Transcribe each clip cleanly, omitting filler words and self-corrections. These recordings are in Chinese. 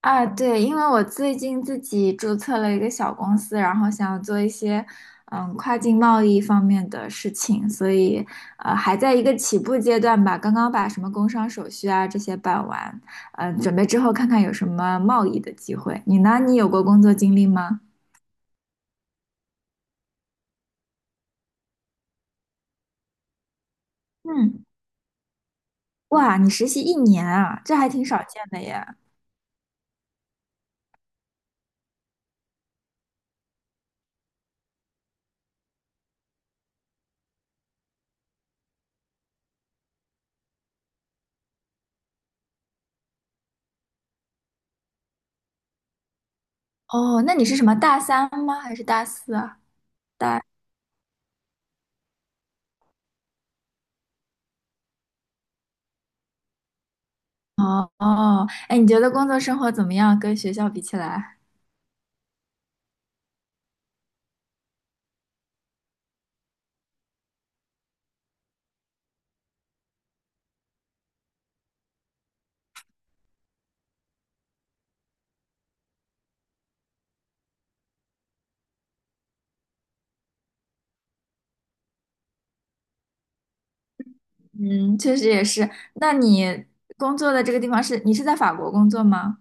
啊，对，因为我最近自己注册了一个小公司，然后想要做一些跨境贸易方面的事情，所以还在一个起步阶段吧，刚刚把什么工商手续啊这些办完，准备之后看看有什么贸易的机会。你呢？你有过工作经历吗？嗯，哇，你实习1年啊，这还挺少见的耶。哦，那你是什么大三吗？还是大四啊？大哦哦，哎，你觉得工作生活怎么样？跟学校比起来？嗯，确实也是。那你工作的这个地方是，你是在法国工作吗？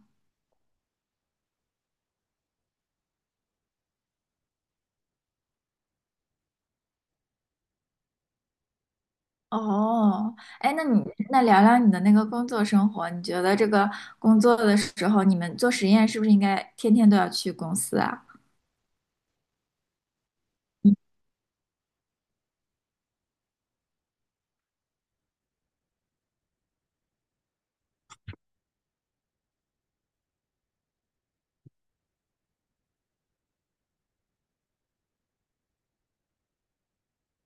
哦，哎，那聊聊你的那个工作生活，你觉得这个工作的时候，你们做实验是不是应该天天都要去公司啊？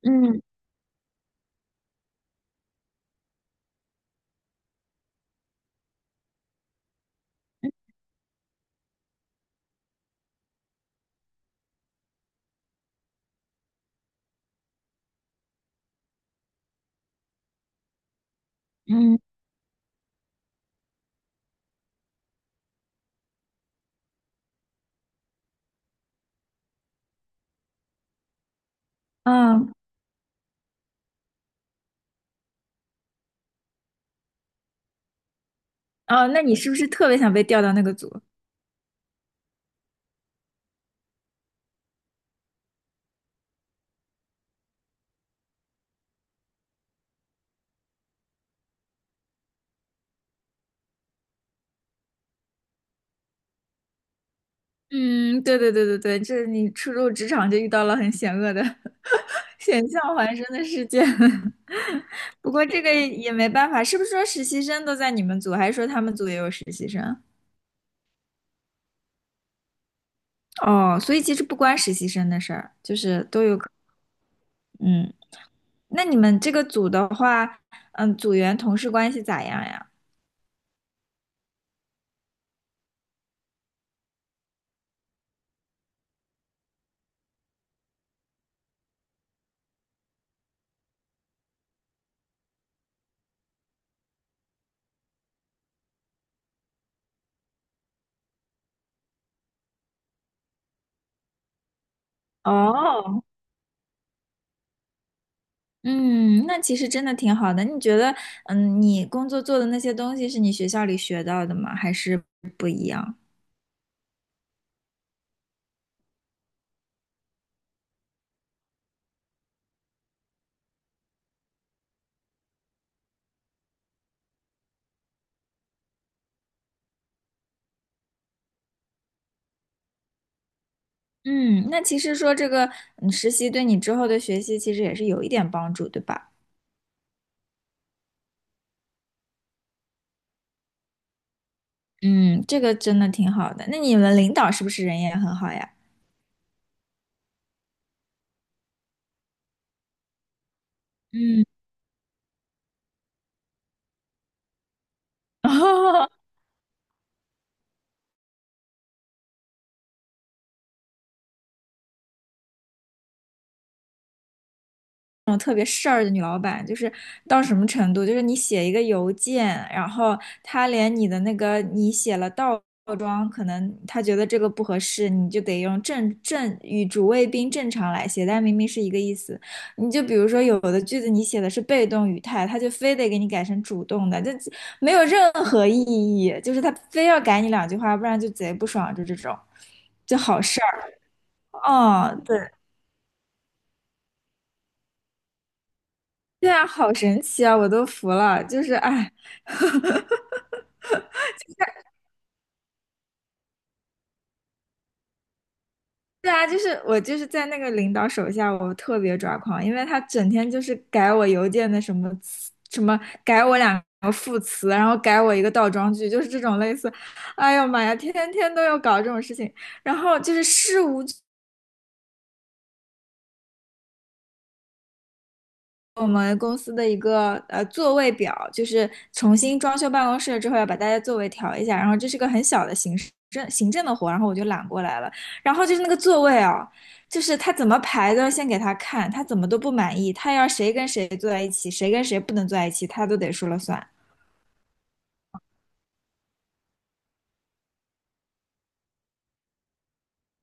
嗯嗯嗯，哦，那你是不是特别想被调到那个组？嗯，对对对对对，这你初入职场就遇到了很险恶的、险象环生的事件。不过这个也没办法，是不是说实习生都在你们组，还是说他们组也有实习生？哦，所以其实不关实习生的事儿，就是都有可。嗯，那你们这个组的话，嗯，组员同事关系咋样呀？哦，嗯，那其实真的挺好的。你觉得，嗯，你工作做的那些东西是你学校里学到的吗？还是不一样？嗯，那其实说这个实习对你之后的学习其实也是有一点帮助，对吧？嗯，这个真的挺好的。那你们领导是不是人也很好呀？嗯，个事儿的女老板，就是到什么程度？就是你写一个邮件，然后她连你的那个你写了倒装，可能她觉得这个不合适，你就得用正与主谓宾正常来写，但明明是一个意思。你就比如说有的句子你写的是被动语态，她就非得给你改成主动的，就没有任何意义，就是她非要改你两句话，不然就贼不爽，就这种，就好事儿。哦，对。对啊，好神奇啊，我都服了。就是哎，对啊，就是我就是在那个领导手下，我特别抓狂，因为他整天就是改我邮件的什么词什么，改我两个副词，然后改我一个倒装句，就是这种类似。哎呦妈呀，天天都要搞这种事情，然后就是事无。我们公司的一个座位表，就是重新装修办公室之后要把大家座位调一下，然后这是个很小的行政的活，然后我就揽过来了。然后就是那个座位啊，就是他怎么排都要先给他看，他怎么都不满意，他要谁跟谁坐在一起，谁跟谁不能坐在一起，他都得说了算。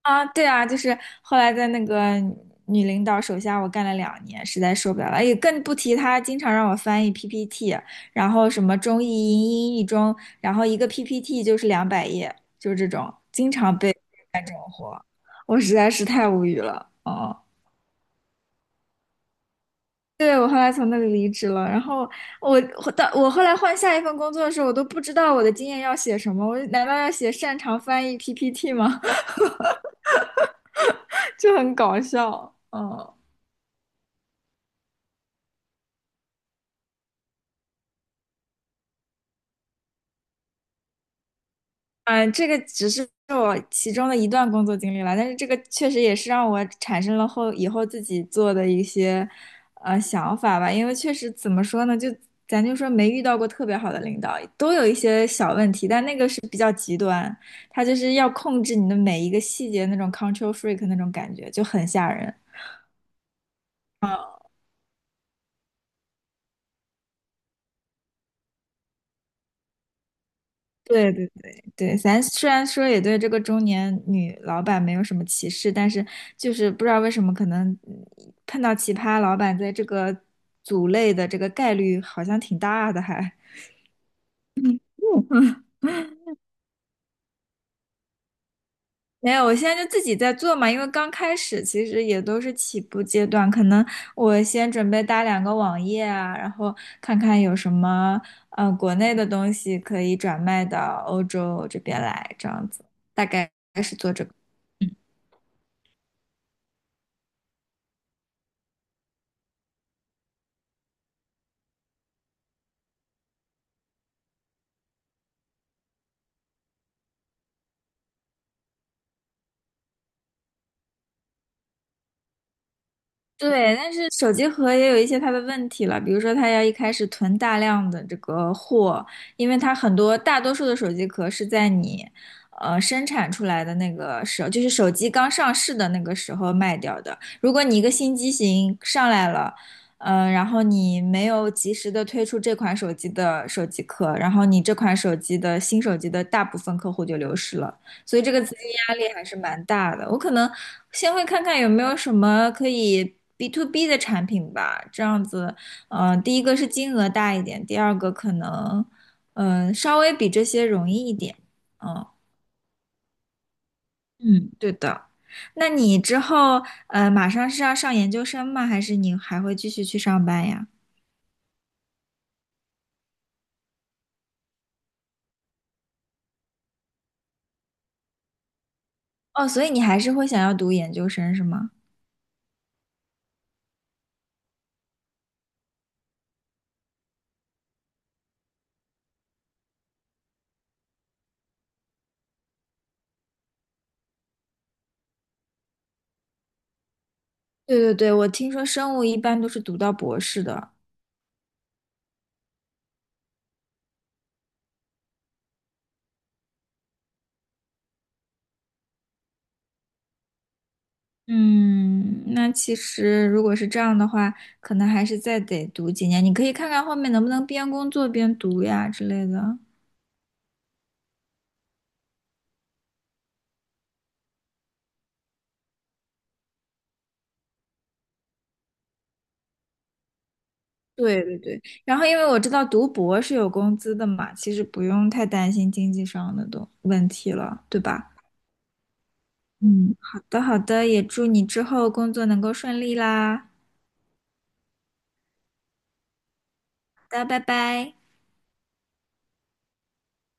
啊，对啊，就是后来在那个女领导手下，我干了2年，实在受不了了。也更不提她经常让我翻译 PPT，然后什么中译英、英译中，然后一个 PPT 就是200页，就是这种，经常被，我实在是太无语了。哦，对，我后来从那里离职了，然后我到我后来换下一份工作的时候，我都不知道我的经验要写什么，我难道要写擅长翻译 PPT 吗？就很搞笑。嗯，嗯，这个只是我其中的一段工作经历了，但是这个确实也是让我产生了后以后自己做的一些想法吧。因为确实怎么说呢，就咱就说没遇到过特别好的领导，都有一些小问题，但那个是比较极端，他就是要控制你的每一个细节，那种 control freak 那种感觉就很吓人。对对对对，咱虽然说也对这个中年女老板没有什么歧视，但是就是不知道为什么，可能碰到奇葩老板在这个组类的这个概率好像挺大的还。没有，我现在就自己在做嘛，因为刚开始其实也都是起步阶段，可能我先准备搭两个网页啊，然后看看有什么国内的东西可以转卖到欧洲这边来，这样子大概是做这个。对，但是手机壳也有一些它的问题了，比如说它要一开始囤大量的这个货，因为它很多大多数的手机壳是在你生产出来的那个时候，就是手机刚上市的那个时候卖掉的。如果你一个新机型上来了，然后你没有及时的推出这款手机的手机壳，然后你这款手机的新手机的大部分客户就流失了。所以这个资金压力还是蛮大的。我可能先会看看有没有什么可以 B2B 的产品吧，这样子，第一个是金额大一点，第二个可能，稍微比这些容易一点。嗯嗯，对的。那你之后，马上是要上研究生吗？还是你还会继续去上班呀？哦，所以你还是会想要读研究生是吗？对对对，我听说生物一般都是读到博士的。嗯，那其实如果是这样的话，可能还是再得读几年。你可以看看后面能不能边工作边读呀之类的。对对对，然后因为我知道读博是有工资的嘛，其实不用太担心经济上的东问题了，对吧？嗯，好的好的，也祝你之后工作能够顺利啦。好的，拜拜。